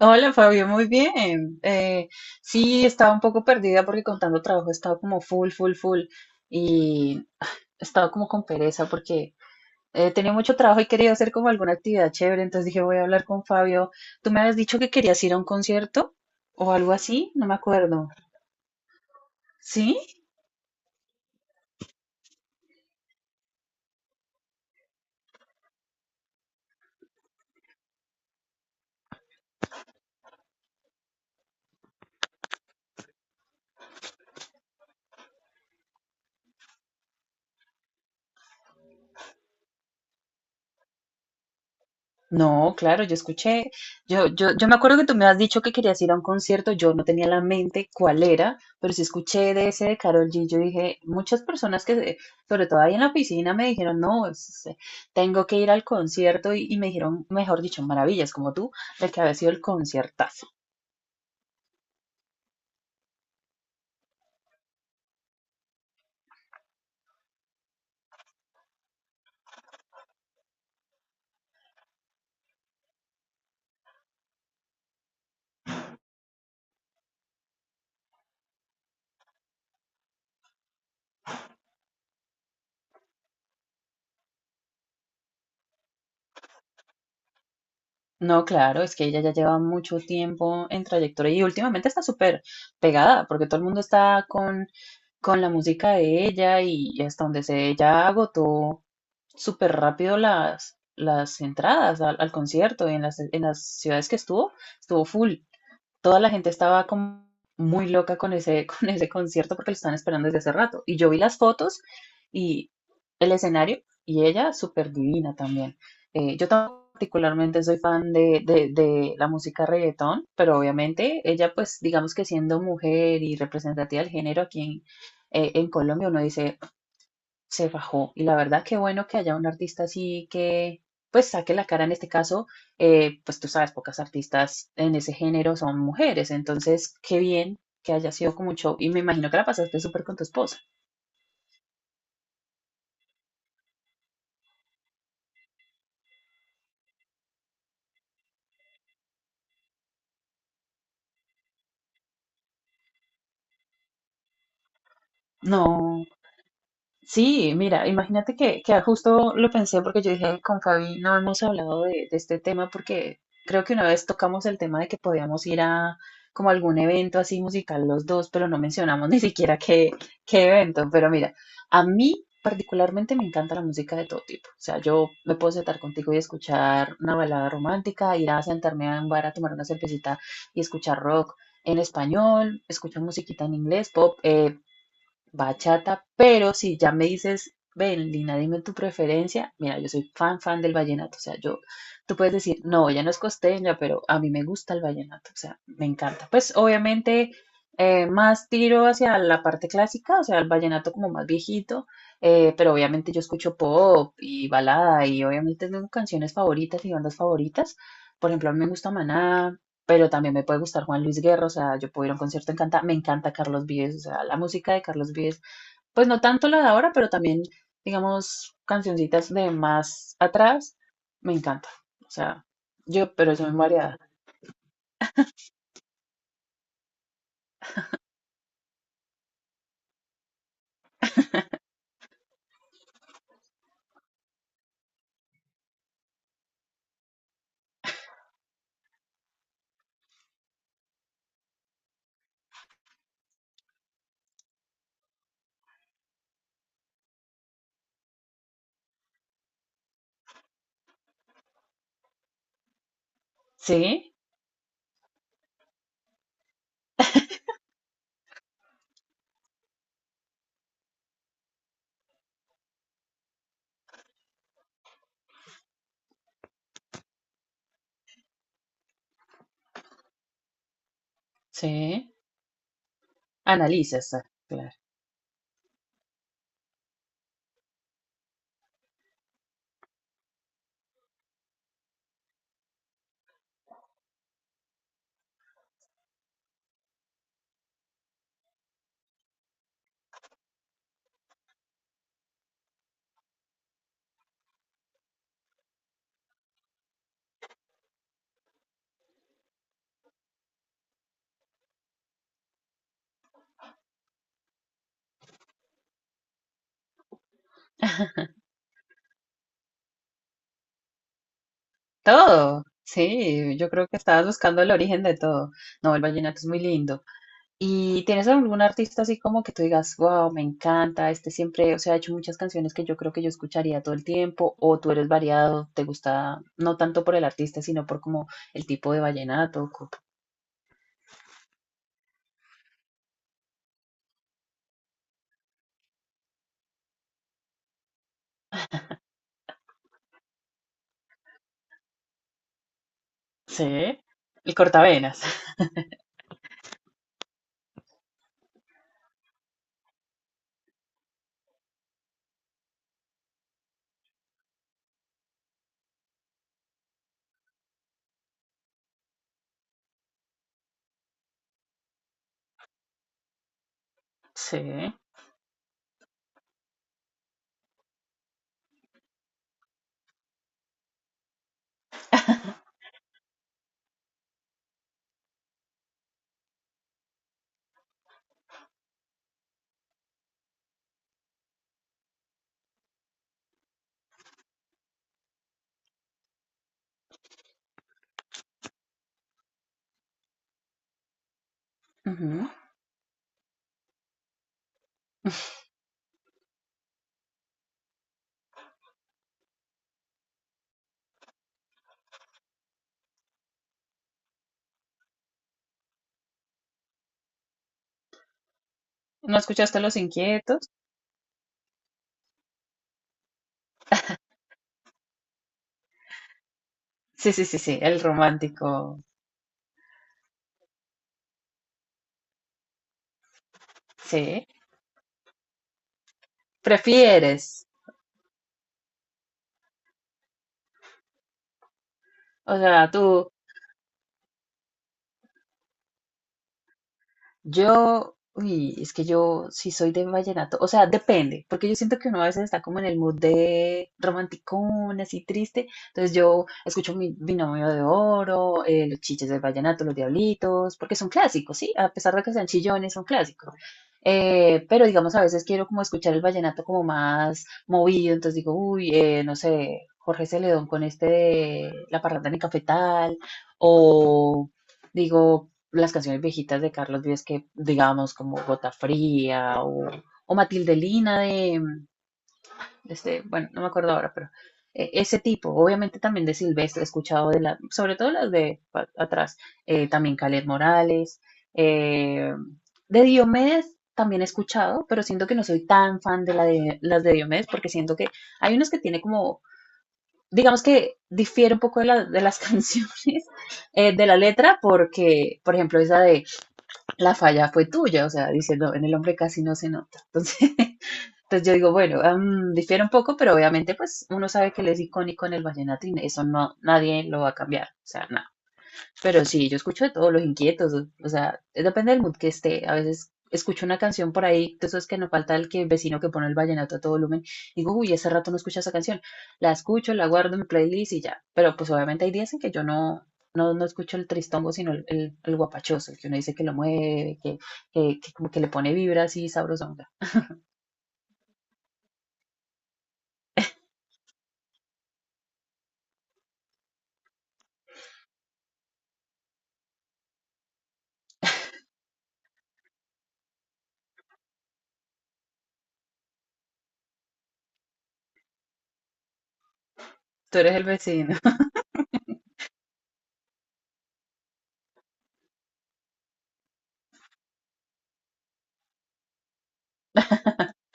Hola Fabio, muy bien. Sí, estaba un poco perdida porque contando trabajo he estado como full, full, full y he estado como con pereza porque he tenido mucho trabajo y quería hacer como alguna actividad chévere. Entonces dije, voy a hablar con Fabio. Tú me habías dicho que querías ir a un concierto o algo así, no me acuerdo. ¿Sí? No, claro, yo escuché, yo me acuerdo que tú me has dicho que querías ir a un concierto. Yo no tenía la mente cuál era, pero sí escuché de ese de Karol G. Yo dije, muchas personas que, sobre todo ahí en la piscina, me dijeron, no, tengo que ir al concierto. Y me dijeron, mejor dicho, maravillas como tú, de que había sido el conciertazo. No, claro, es que ella ya lleva mucho tiempo en trayectoria y últimamente está súper pegada, porque todo el mundo está con la música de ella, y hasta donde se ella agotó súper rápido las entradas al concierto. Y en las ciudades que estuvo, estuvo full. Toda la gente estaba como muy loca con ese, con ese concierto porque lo estaban esperando desde hace rato. Y yo vi las fotos y el escenario, y ella súper divina también. Yo tampoco particularmente soy fan de la música reggaetón, pero obviamente ella, pues digamos que siendo mujer y representativa del género aquí en Colombia, uno dice, se fajó. Y la verdad, qué bueno que haya un artista así que, pues, saque la cara en este caso. Pues tú sabes, pocas artistas en ese género son mujeres. Entonces, qué bien que haya sido como un show. Y me imagino que la pasaste súper con tu esposa. No. Sí, mira, imagínate que justo lo pensé porque yo dije, con Fabi no hemos hablado de este tema, porque creo que una vez tocamos el tema de que podíamos ir a como algún evento así musical los dos, pero no mencionamos ni siquiera qué evento. Pero mira, a mí particularmente me encanta la música de todo tipo. O sea, yo me puedo sentar contigo y escuchar una balada romántica, ir a sentarme a un bar a tomar una cervecita y escuchar rock en español, escuchar musiquita en inglés, pop. Bachata. Pero si ya me dices, ven, Lina, dime tu preferencia, mira, yo soy fan, fan del vallenato. O sea, yo, tú puedes decir, no, ella no es costeña, pero a mí me gusta el vallenato, o sea, me encanta. Pues obviamente, más tiro hacia la parte clásica, o sea, el vallenato como más viejito. Pero obviamente yo escucho pop y balada, y obviamente tengo canciones favoritas y bandas favoritas. Por ejemplo, a mí me gusta Maná, pero también me puede gustar Juan Luis Guerra. O sea, yo puedo ir a un concierto encanta, me encanta Carlos Vives, o sea, la música de Carlos Vives, pues no tanto la de ahora, pero también, digamos, cancioncitas de más atrás, me encanta. O sea, yo, pero yo me variada, sí, sí, analizas, ah, claro, todo, sí, yo creo que estabas buscando el origen de todo, no, el vallenato es muy lindo. ¿Y tienes algún artista así como que tú digas, wow, me encanta, este siempre? O sea, ha hecho muchas canciones que yo creo que yo escucharía todo el tiempo, o tú eres variado, te gusta no tanto por el artista, sino por como el tipo de vallenato, sí, el cortavenas, sí, ujú. ¿No escuchaste Los Inquietos? Sí, sí, sí, sí, el romántico, sí, prefieres, o sea, tú. Yo, uy, es que yo sí soy de vallenato, o sea, depende, porque yo siento que uno a veces está como en el mood de romanticón, así triste, entonces yo escucho mi binomio de oro, los chiches del vallenato, los diablitos, porque son clásicos, ¿sí? A pesar de que sean chillones, son clásicos. Pero digamos, a veces quiero como escuchar el vallenato como más movido, entonces digo, uy, no sé, Jorge Celedón con este de La parranda en cafetal, o digo, las canciones viejitas de Carlos Vives que, digamos, como Gota Fría, o Matilde Lina de, este, bueno, no me acuerdo ahora, pero ese tipo, obviamente también de Silvestre, he escuchado de la, sobre todo las de atrás. También Calet Morales. eh, de Diomedes también he escuchado, pero siento que no soy tan fan de la, de las de Diomedes, porque siento que hay unas que tiene como, digamos que difiere un poco de las canciones, de la letra, porque, por ejemplo, esa de la falla fue tuya, o sea, dice, no, en el hombre casi no se nota. Entonces, entonces yo digo, bueno, mm, difiere un poco, pero obviamente pues uno sabe que él es icónico en el vallenato, y eso no, nadie lo va a cambiar, o sea, nada. Pero sí, yo escucho de todos los inquietos, o sea, depende del mood que esté. A veces escucho una canción por ahí, de esos que no falta el que el vecino que pone el vallenato a todo volumen, digo, uy, hace rato no escucho esa canción. La escucho, la guardo en mi playlist y ya. Pero pues obviamente hay días en que yo no escucho el tristongo, sino el guapachoso, el que uno dice que lo mueve, que como que le pone vibra así sabrosonga. Tú eres el vecino.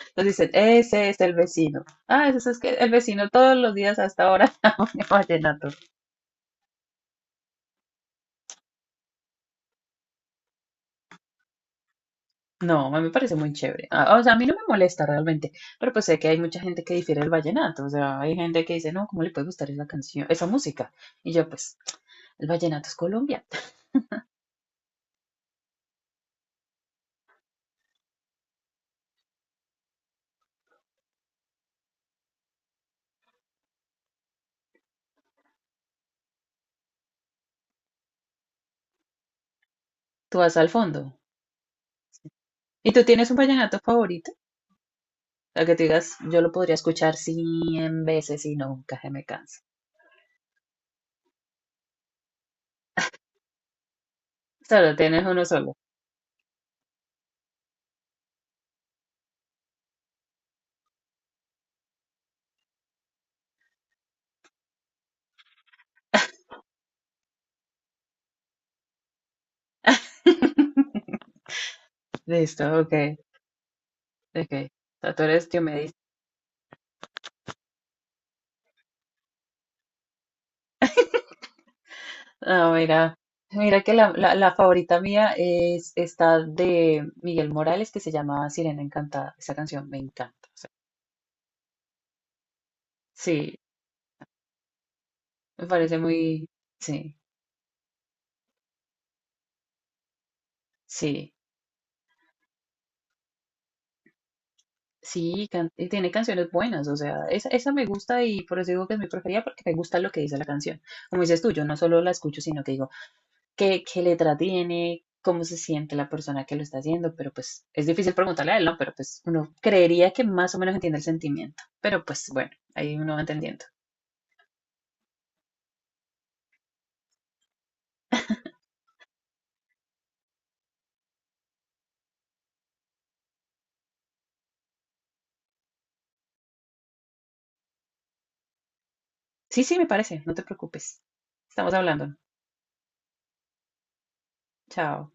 Entonces dicen, ese es el vecino. Ah, eso es que el vecino todos los días hasta ahora pone vallenato. No, a mí me parece muy chévere. Ah, o sea, a mí no me molesta realmente, pero pues sé que hay mucha gente que difiere del vallenato. O sea, hay gente que dice, no, ¿cómo le puede gustar esa canción, esa música? Y yo, pues, el vallenato es Colombia. Tú vas al fondo. ¿Y tú tienes un vallenato favorito? A que tú digas, yo lo podría escuchar 100 veces y nunca se me cansa. Solo tienes uno solo. Listo, ok, ok. O sea, tú eres Diomedes. Ah, mira, mira que la, la favorita mía es esta de Miguel Morales, que se llama Sirena Encantada. Esa canción me encanta. O sea, sí, me parece muy, sí, sí, sí, y tiene canciones buenas, o sea, esa me gusta, y por eso digo que es mi preferida porque me gusta lo que dice la canción. Como dices tú, yo no solo la escucho, sino que digo, qué, qué letra tiene, cómo se siente la persona que lo está haciendo, pero pues es difícil preguntarle a él, ¿no? Pero pues uno creería que más o menos entiende el sentimiento, pero pues bueno, ahí uno va entendiendo. Sí, sí, me parece, no te preocupes. Estamos hablando. Chao.